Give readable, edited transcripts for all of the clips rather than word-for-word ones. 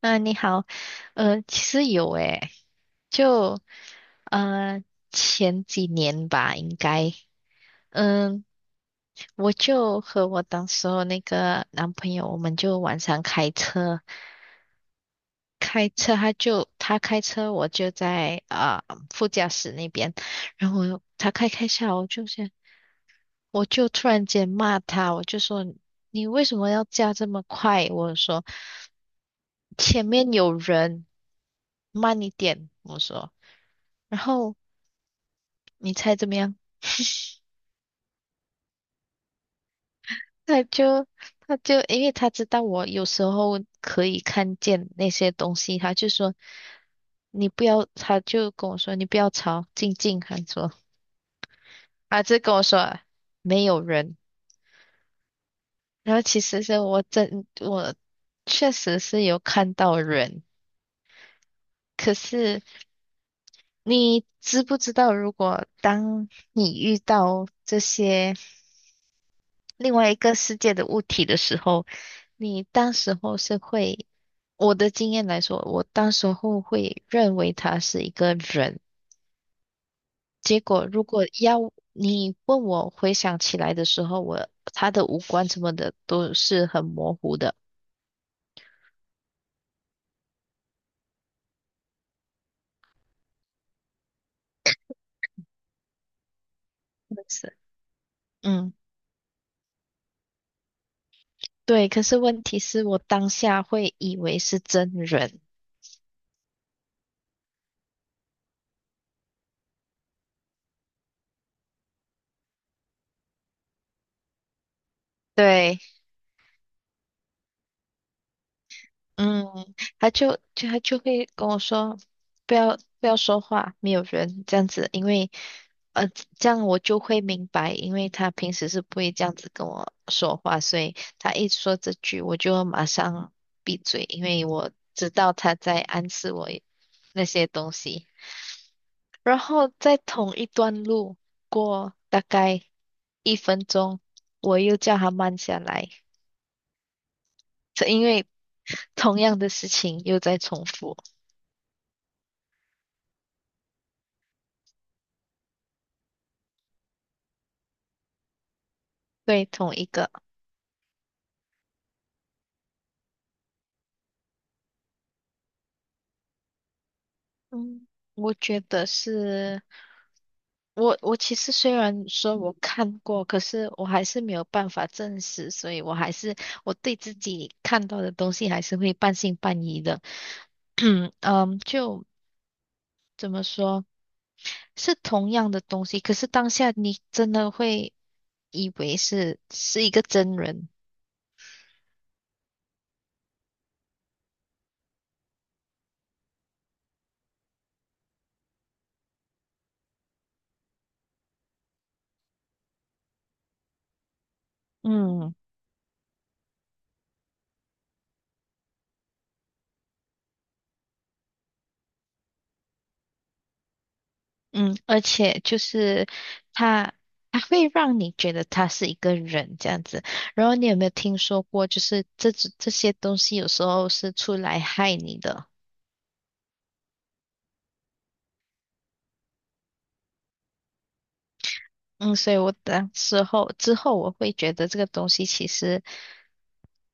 啊，你好，其实有诶，就呃前几年吧，应该，嗯，我就和我当时候那个男朋友，我们就晚上开车，他开车，我就在副驾驶那边，然后他开开下，我就想，我就突然间骂他，我就说你为什么要驾这么快？我说前面有人，慢一点，我说。然后你猜怎么样？他就他就因为他知道我有时候可以看见那些东西，他就说你不要，他就跟我说你不要吵，静静，他说他就跟我说没有人。然后其实是我真我确实是有看到人，可是你知不知道，如果当你遇到这些。另外一个世界的物体的时候，你当时候是会，我的经验来说，我当时候会认为他是一个人。结果如果要你问我回想起来的时候，他的五官什么的都是很模糊的。是，嗯，对。可是问题是我当下会以为是真人。对，嗯，他就会跟我说，不要说话，没有人这样子，因为呃这样我就会明白，因为他平时是不会这样子跟我说话，所以他一说这句，我就马上闭嘴，因为我知道他在暗示我那些东西。然后在同一段路过大概一分钟，我又叫他慢下来，这因为同样的事情又在重复。对，同一个。嗯，我觉得是，我其实虽然说我看过，可是我还是没有办法证实，所以我还是我对自己看到的东西还是会半信半疑的。嗯，就怎么说，是同样的东西，可是当下你真的会以为是一个真人。嗯。嗯，而且就是他，他会让你觉得他是一个人这样子。然后你有没有听说过，就是这些东西有时候是出来害你的。嗯，所以我当时候之后我会觉得这个东西其实，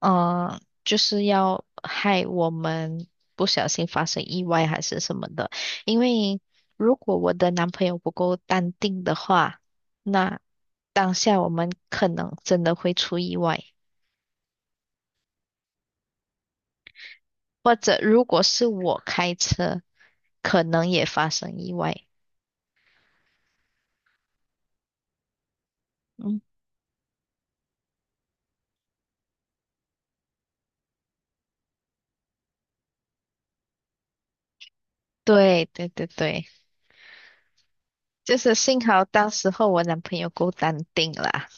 就是要害我们不小心发生意外还是什么的。因为如果我的男朋友不够淡定的话，那当下我们可能真的会出意外。或者如果是我开车，可能也发生意外。嗯，对对对对，就是幸好当时候我男朋友够淡定啦。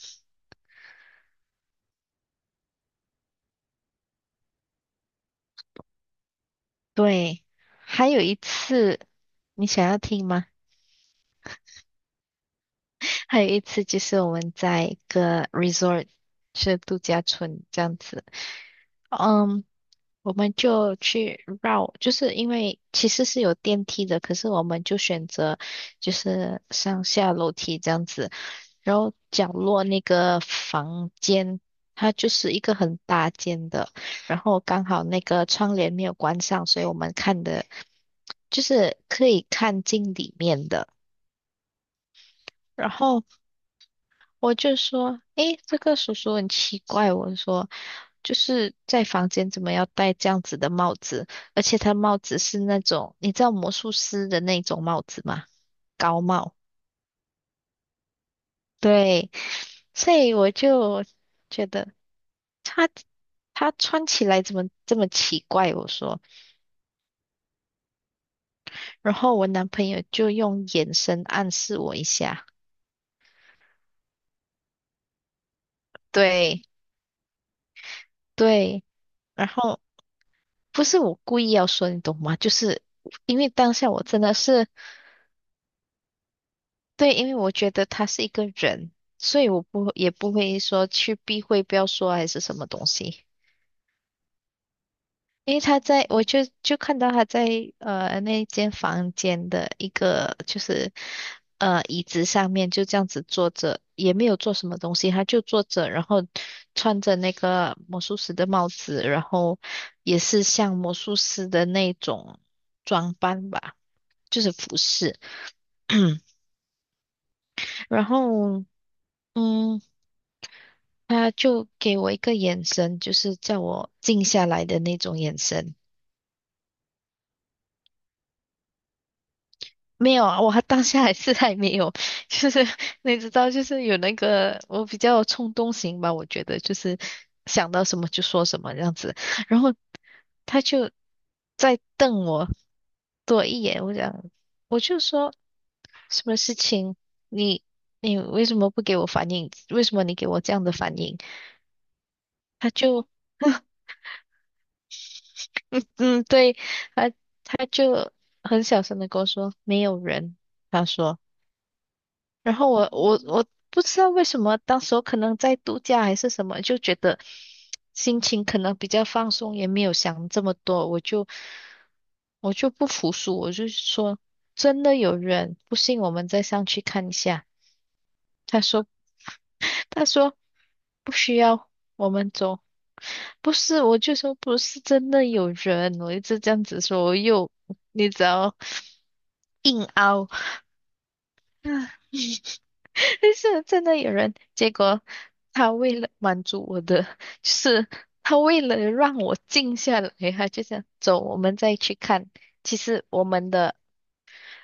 对，还有一次，你想要听吗？还有一次就是我们在一个 resort，是度假村这样子。嗯。我们就去绕，就是因为其实是有电梯的，可是我们就选择就是上下楼梯这样子。然后角落那个房间，它就是一个很大间的，然后刚好那个窗帘没有关上，所以我们看的就是可以看进里面的。然后。我就说，诶，这个叔叔很奇怪。我说，就是在房间怎么要戴这样子的帽子？而且他帽子是那种，你知道魔术师的那种帽子吗？高帽。对，所以我就觉得他他穿起来怎么这么奇怪？我说，然后我男朋友就用眼神暗示我一下。对对，然后不是我故意要说，你懂吗？就是因为当下我真的是。对，因为我觉得他是一个人，所以我不也不会说去避讳，不要说还是什么东西。因为他在，我就就看到他在那间房间的一个椅子上面就这样子坐着，也没有做什么东西，他就坐着，然后穿着那个魔术师的帽子，然后也是像魔术师的那种装扮吧，就是服饰，然后。嗯，他就给我一个眼神，就是叫我静下来的那种眼神。没有啊，我还当下还是还没有，就是你知道，就是有那个我比较冲动型吧，我觉得就是想到什么就说什么这样子。然后他就再瞪我多一眼，就说什么事情，你你为什么不给我反应？为什么你给我这样的反应？他就 嗯，对，他他就很小声的跟我说没有人，他说，然后我不知道为什么，当时候可能在度假还是什么，就觉得心情可能比较放松，也没有想这么多，我就不服输，我就说真的有人，不信我们再上去看一下。他说他说不需要，我们走。不是，我就说不是真的有人，我一直这样子说，你只要硬凹，但 是真的有人。结果他为了满足我的，就是他为了让我静下来，他就想走，我们再去看。其实我们的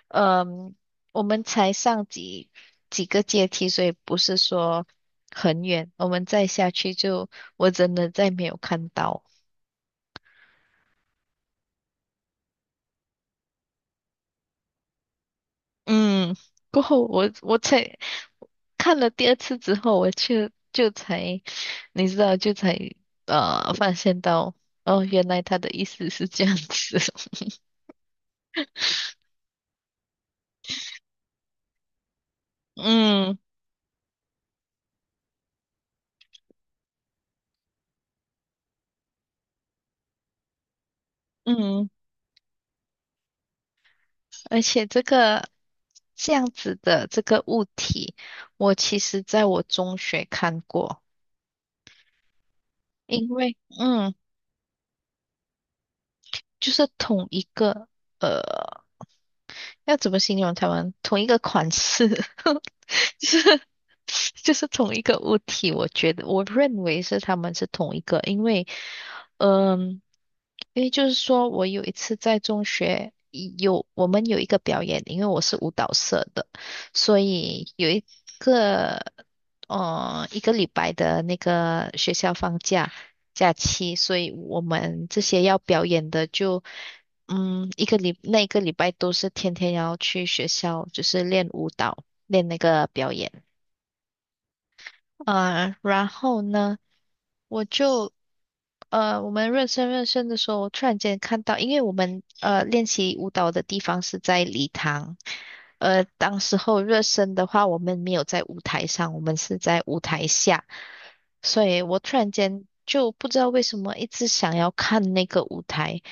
嗯，我们才上几个阶梯，所以不是说很远。我们再下去就，我真的再没有看到。嗯，过后我才看了第二次之后，我就就才，你知道，就才发现到，哦，原来他的意思是这样子。嗯嗯，而且这样子的这个物体，我其实在我中学看过。因为嗯，就是同一个呃，要怎么形容他们？同一个款式，就是就是同一个物体，我觉得我认为是他们是同一个，因为嗯，因为就是说我有一次在中学我们有一个表演，因为我是舞蹈社的，所以有一个呃一个礼拜的那个学校放假假期，所以我们这些要表演的就。嗯，一个礼那一个礼拜都是天天要去学校，就是练舞蹈。练那个表演。呃，然后呢，我就呃，我们热身的时候，我突然间看到，因为我们练习舞蹈的地方是在礼堂，呃，当时候热身的话，我们没有在舞台上，我们是在舞台下，所以我突然间就不知道为什么一直想要看那个舞台，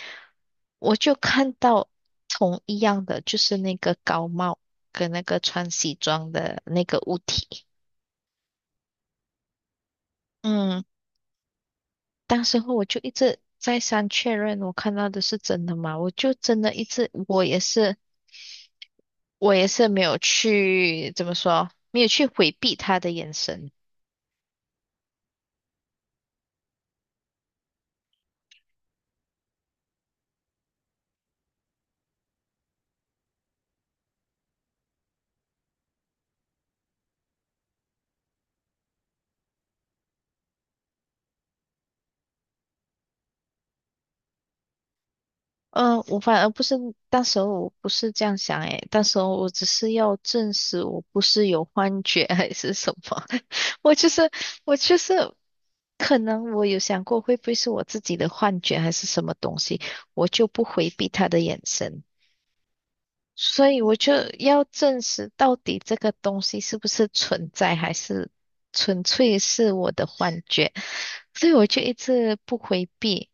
我就看到同一样的，就是那个高帽跟那个穿西装的那个物体。嗯，当时候我就一直再三确认我看到的是真的吗？我就真的一直，我也是没有去，怎么说，没有去回避他的眼神。嗯、我反而不是，当时候我不是这样想诶，当时候我只是要证实我不是有幻觉 还是什么，我就是我就是，可能我有想过会不会是我自己的幻觉还是什么东西，我就不回避他的眼神。所以我就要证实到底这个东西是不是存在，还是纯粹是我的幻觉。所以我就一直不回避，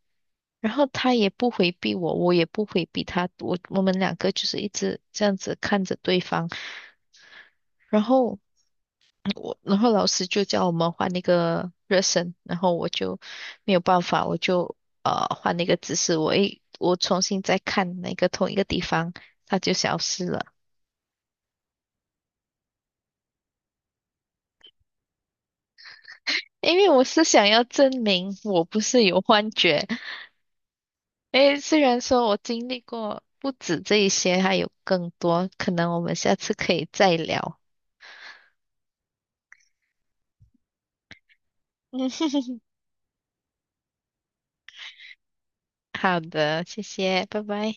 然后他也不回避我，我也不回避他，我们两个就是一直这样子看着对方。然后老师就叫我们换那个热身，然后我就没有办法，我就换那个姿势，我重新再看那个同一个地方，它就消失了。因为我是想要证明我不是有幻觉。诶，虽然说我经历过不止这一些，还有更多，可能我们下次可以再聊。好的，谢谢，拜拜。